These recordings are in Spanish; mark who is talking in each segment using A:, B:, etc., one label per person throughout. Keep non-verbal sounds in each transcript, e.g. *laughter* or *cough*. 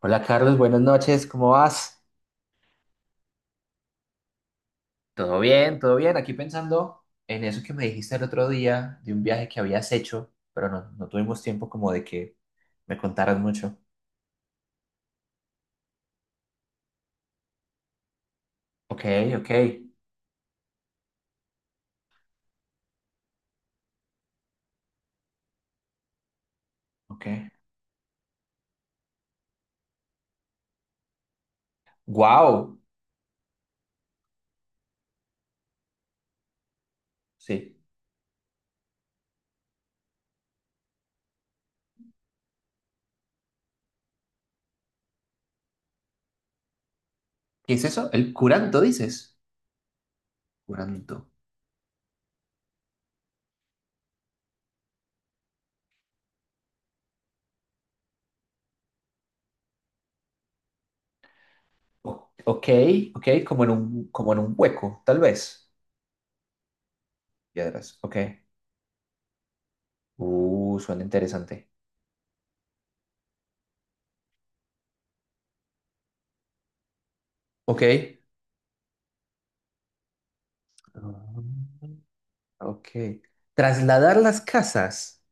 A: Hola Carlos, buenas noches, ¿cómo vas? Todo bien, todo bien. Aquí pensando en eso que me dijiste el otro día de un viaje que habías hecho, pero no, no tuvimos tiempo como de que me contaras mucho. Ok, ok, ok. ¡Wow! Sí. ¿Qué es eso? El curanto, dices. Curanto. Ok, ok, como en un hueco, tal vez. Piedras, ok. Suena interesante. Ok. Ah, ok. Trasladar las casas.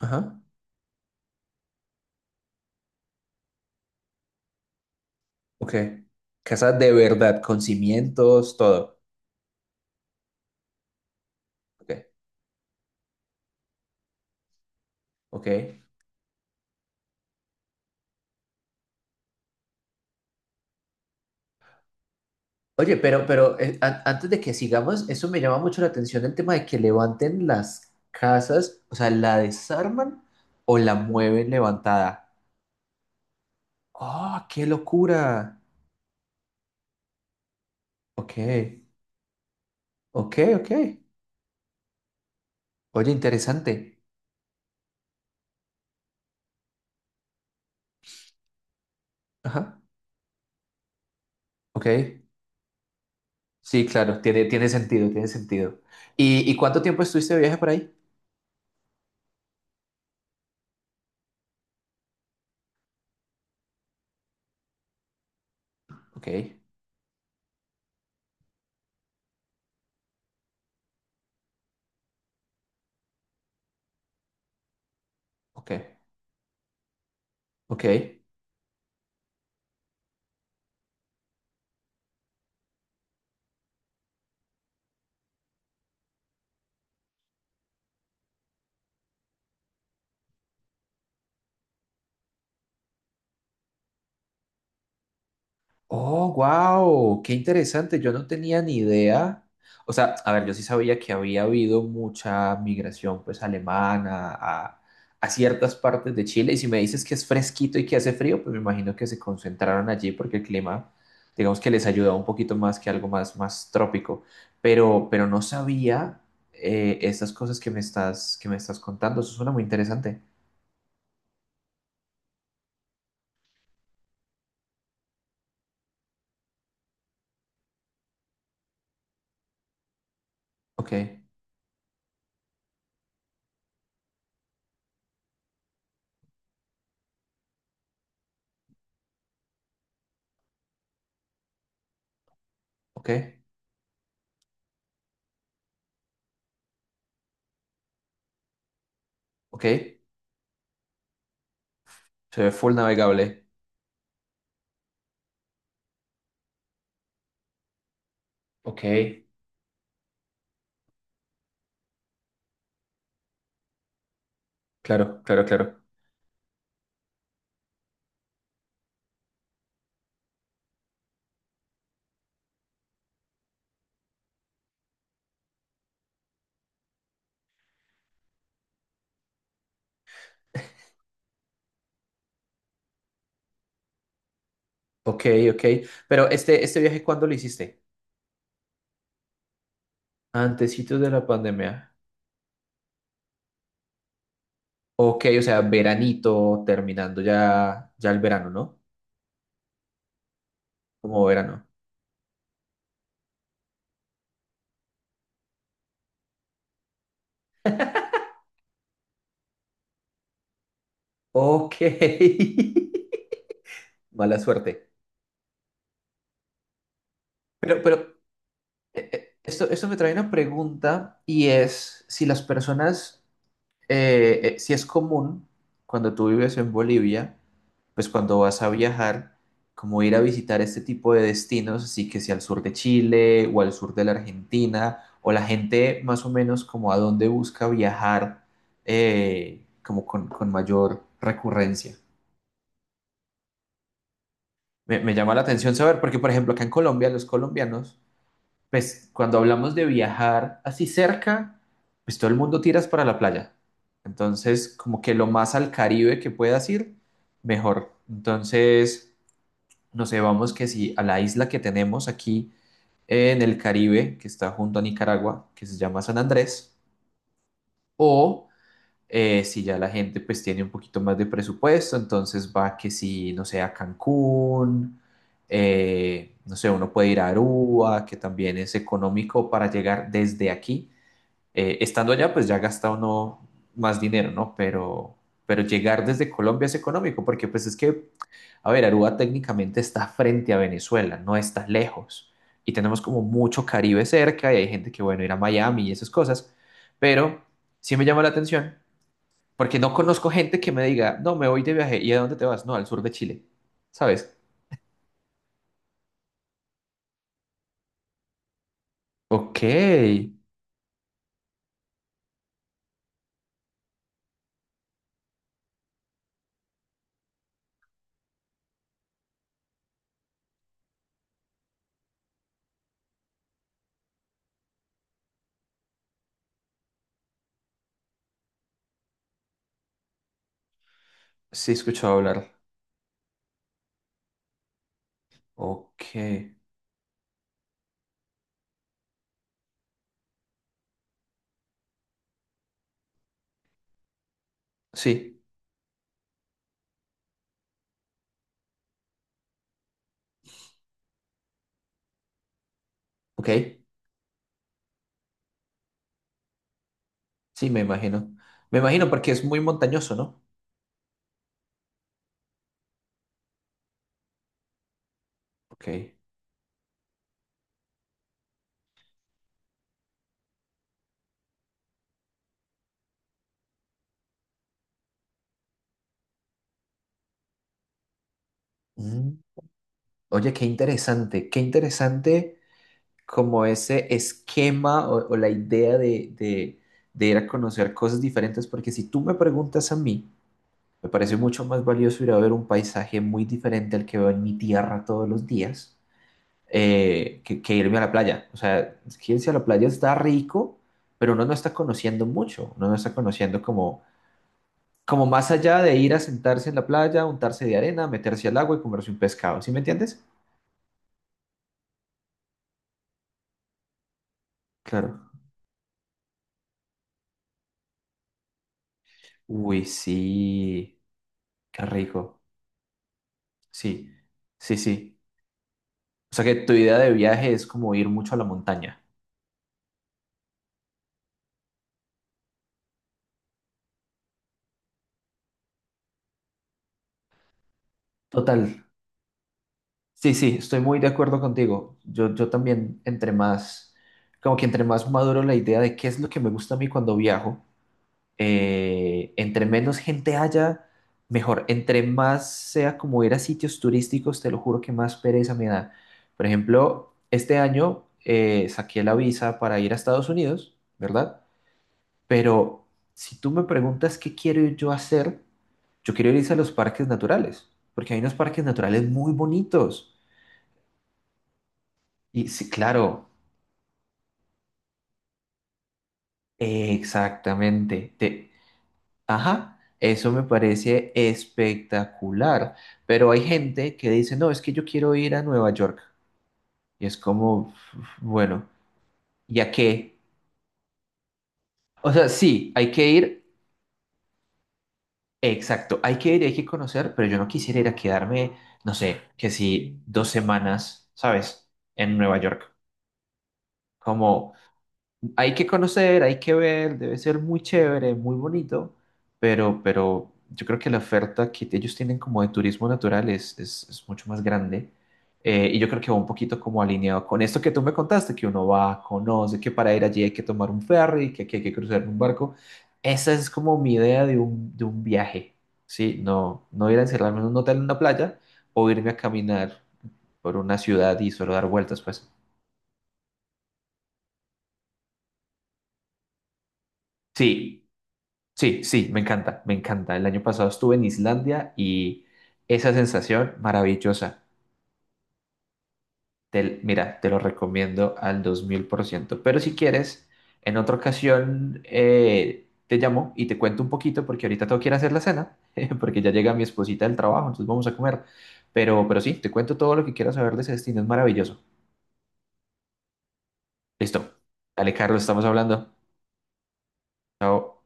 A: Ajá. Ok. Casa de verdad, con cimientos, todo. Ok. Ok. Oye, pero antes de que sigamos, eso me llama mucho la atención el tema de que levanten las casas, o sea, la desarman o la mueven levantada. ¡Oh, qué locura! Ok, ok, ok. Oye, interesante. Ajá. Ok. Sí, claro, tiene sentido, tiene sentido. Y cuánto tiempo estuviste de viaje por ahí? Ok, ok, ok. Oh, wow, qué interesante. Yo no tenía ni idea. O sea, a ver, yo sí sabía que había habido mucha migración, pues, alemana a ciertas partes de Chile. Y si me dices que es fresquito y que hace frío, pues me imagino que se concentraron allí porque el clima, digamos que les ayudaba un poquito más que algo más, más trópico. Pero no sabía estas cosas que me estás, contando. Eso suena muy interesante. Ok, ok, ok. Se ve full navegable. Ok, claro, claro, claro. Ok, ok. Pero este viaje, ¿cuándo lo hiciste? Antecitos de la pandemia. Ok, o sea, veranito, terminando ya, el verano, ¿no? Como verano. Ok. *laughs* Mala suerte. Pero, esto me trae una pregunta y es si las personas si es común cuando tú vives en Bolivia, pues cuando vas a viajar, como ir a visitar este tipo de destinos, así que si al sur de Chile o al sur de la Argentina, o la gente más o menos como a dónde busca viajar como con mayor recurrencia. Me llama la atención saber, porque por ejemplo acá en Colombia los colombianos pues cuando hablamos de viajar así cerca, pues todo el mundo tiras para la playa. Entonces, como que lo más al Caribe que puedas ir, mejor. Entonces, no sé, vamos que si a la isla que tenemos aquí en el Caribe, que está junto a Nicaragua, que se llama San Andrés, o si ya la gente pues tiene un poquito más de presupuesto, entonces va que si, no sé, a Cancún, no sé, uno puede ir a Aruba, que también es económico para llegar desde aquí. Estando allá, pues ya gasta uno más dinero, ¿no? pero llegar desde Colombia es económico, porque pues es que, a ver, Aruba técnicamente está frente a Venezuela, no está lejos. Y tenemos como mucho Caribe cerca y hay gente que, bueno, ir a Miami y esas cosas, pero sí me llama la atención porque no conozco gente que me diga, no, me voy de viaje. ¿Y a dónde te vas? No, al sur de Chile. ¿Sabes? Ok. Sí, he escuchado hablar. Ok. Sí, ok. Sí, me imagino. Me imagino porque es muy montañoso, ¿no? Ok. Mm. Oye, qué interesante. Qué interesante como ese esquema o la idea de ir a conocer cosas diferentes. Porque si tú me preguntas a mí, me parece mucho más valioso ir a ver un paisaje muy diferente al que veo en mi tierra todos los días que, irme a la playa. O sea, es que irse a la playa está rico, pero uno no está conociendo mucho, uno no está conociendo como más allá de ir a sentarse en la playa, untarse de arena, meterse al agua y comerse un pescado, ¿sí me entiendes? Claro. Uy, sí, qué rico. Sí, sí, sí. O sea que tu idea de viaje es como ir mucho a la montaña. Total. Sí, sí, estoy muy de acuerdo contigo. Yo también, como que entre más maduro la idea de qué es lo que me gusta a mí cuando viajo, entre menos gente haya, mejor. Entre más sea como ir a sitios turísticos, te lo juro que más pereza me da. Por ejemplo, este año saqué la visa para ir a Estados Unidos, ¿verdad? Pero si tú me preguntas qué quiero yo hacer, yo quiero ir a los parques naturales, porque hay unos parques naturales muy bonitos. Y sí, claro, exactamente. Ajá, eso me parece espectacular. Pero hay gente que dice, no, es que yo quiero ir a Nueva York. Y es como, bueno, ¿ya qué? O sea, sí, hay que ir, exacto, hay que ir y hay que conocer, pero yo no quisiera ir a quedarme, no sé, que si 2 semanas, ¿sabes? En Nueva York. Como, hay que conocer, hay que ver, debe ser muy chévere, muy bonito, pero yo creo que la oferta que ellos tienen como de turismo natural es, mucho más grande. Y yo creo que va un poquito como alineado con esto que tú me contaste, que uno va, conoce, que para ir allí hay que tomar un ferry, que aquí hay que cruzar un barco. Esa es como mi idea de un viaje, ¿sí? No, no ir a encerrarme en un hotel en una playa o irme a caminar por una ciudad y solo dar vueltas, pues. Sí, sí, sí, me encanta, me encanta. El año pasado estuve en Islandia y esa sensación maravillosa. Mira, te lo recomiendo al 2000%. Pero si quieres, en otra ocasión te llamo y te cuento un poquito porque ahorita tengo que ir a hacer la cena, *laughs* porque ya llega mi esposita del trabajo, entonces vamos a comer. Pero sí, te cuento todo lo que quieras saber de ese destino, es maravilloso. Listo. Dale, Carlos, estamos hablando. Chao.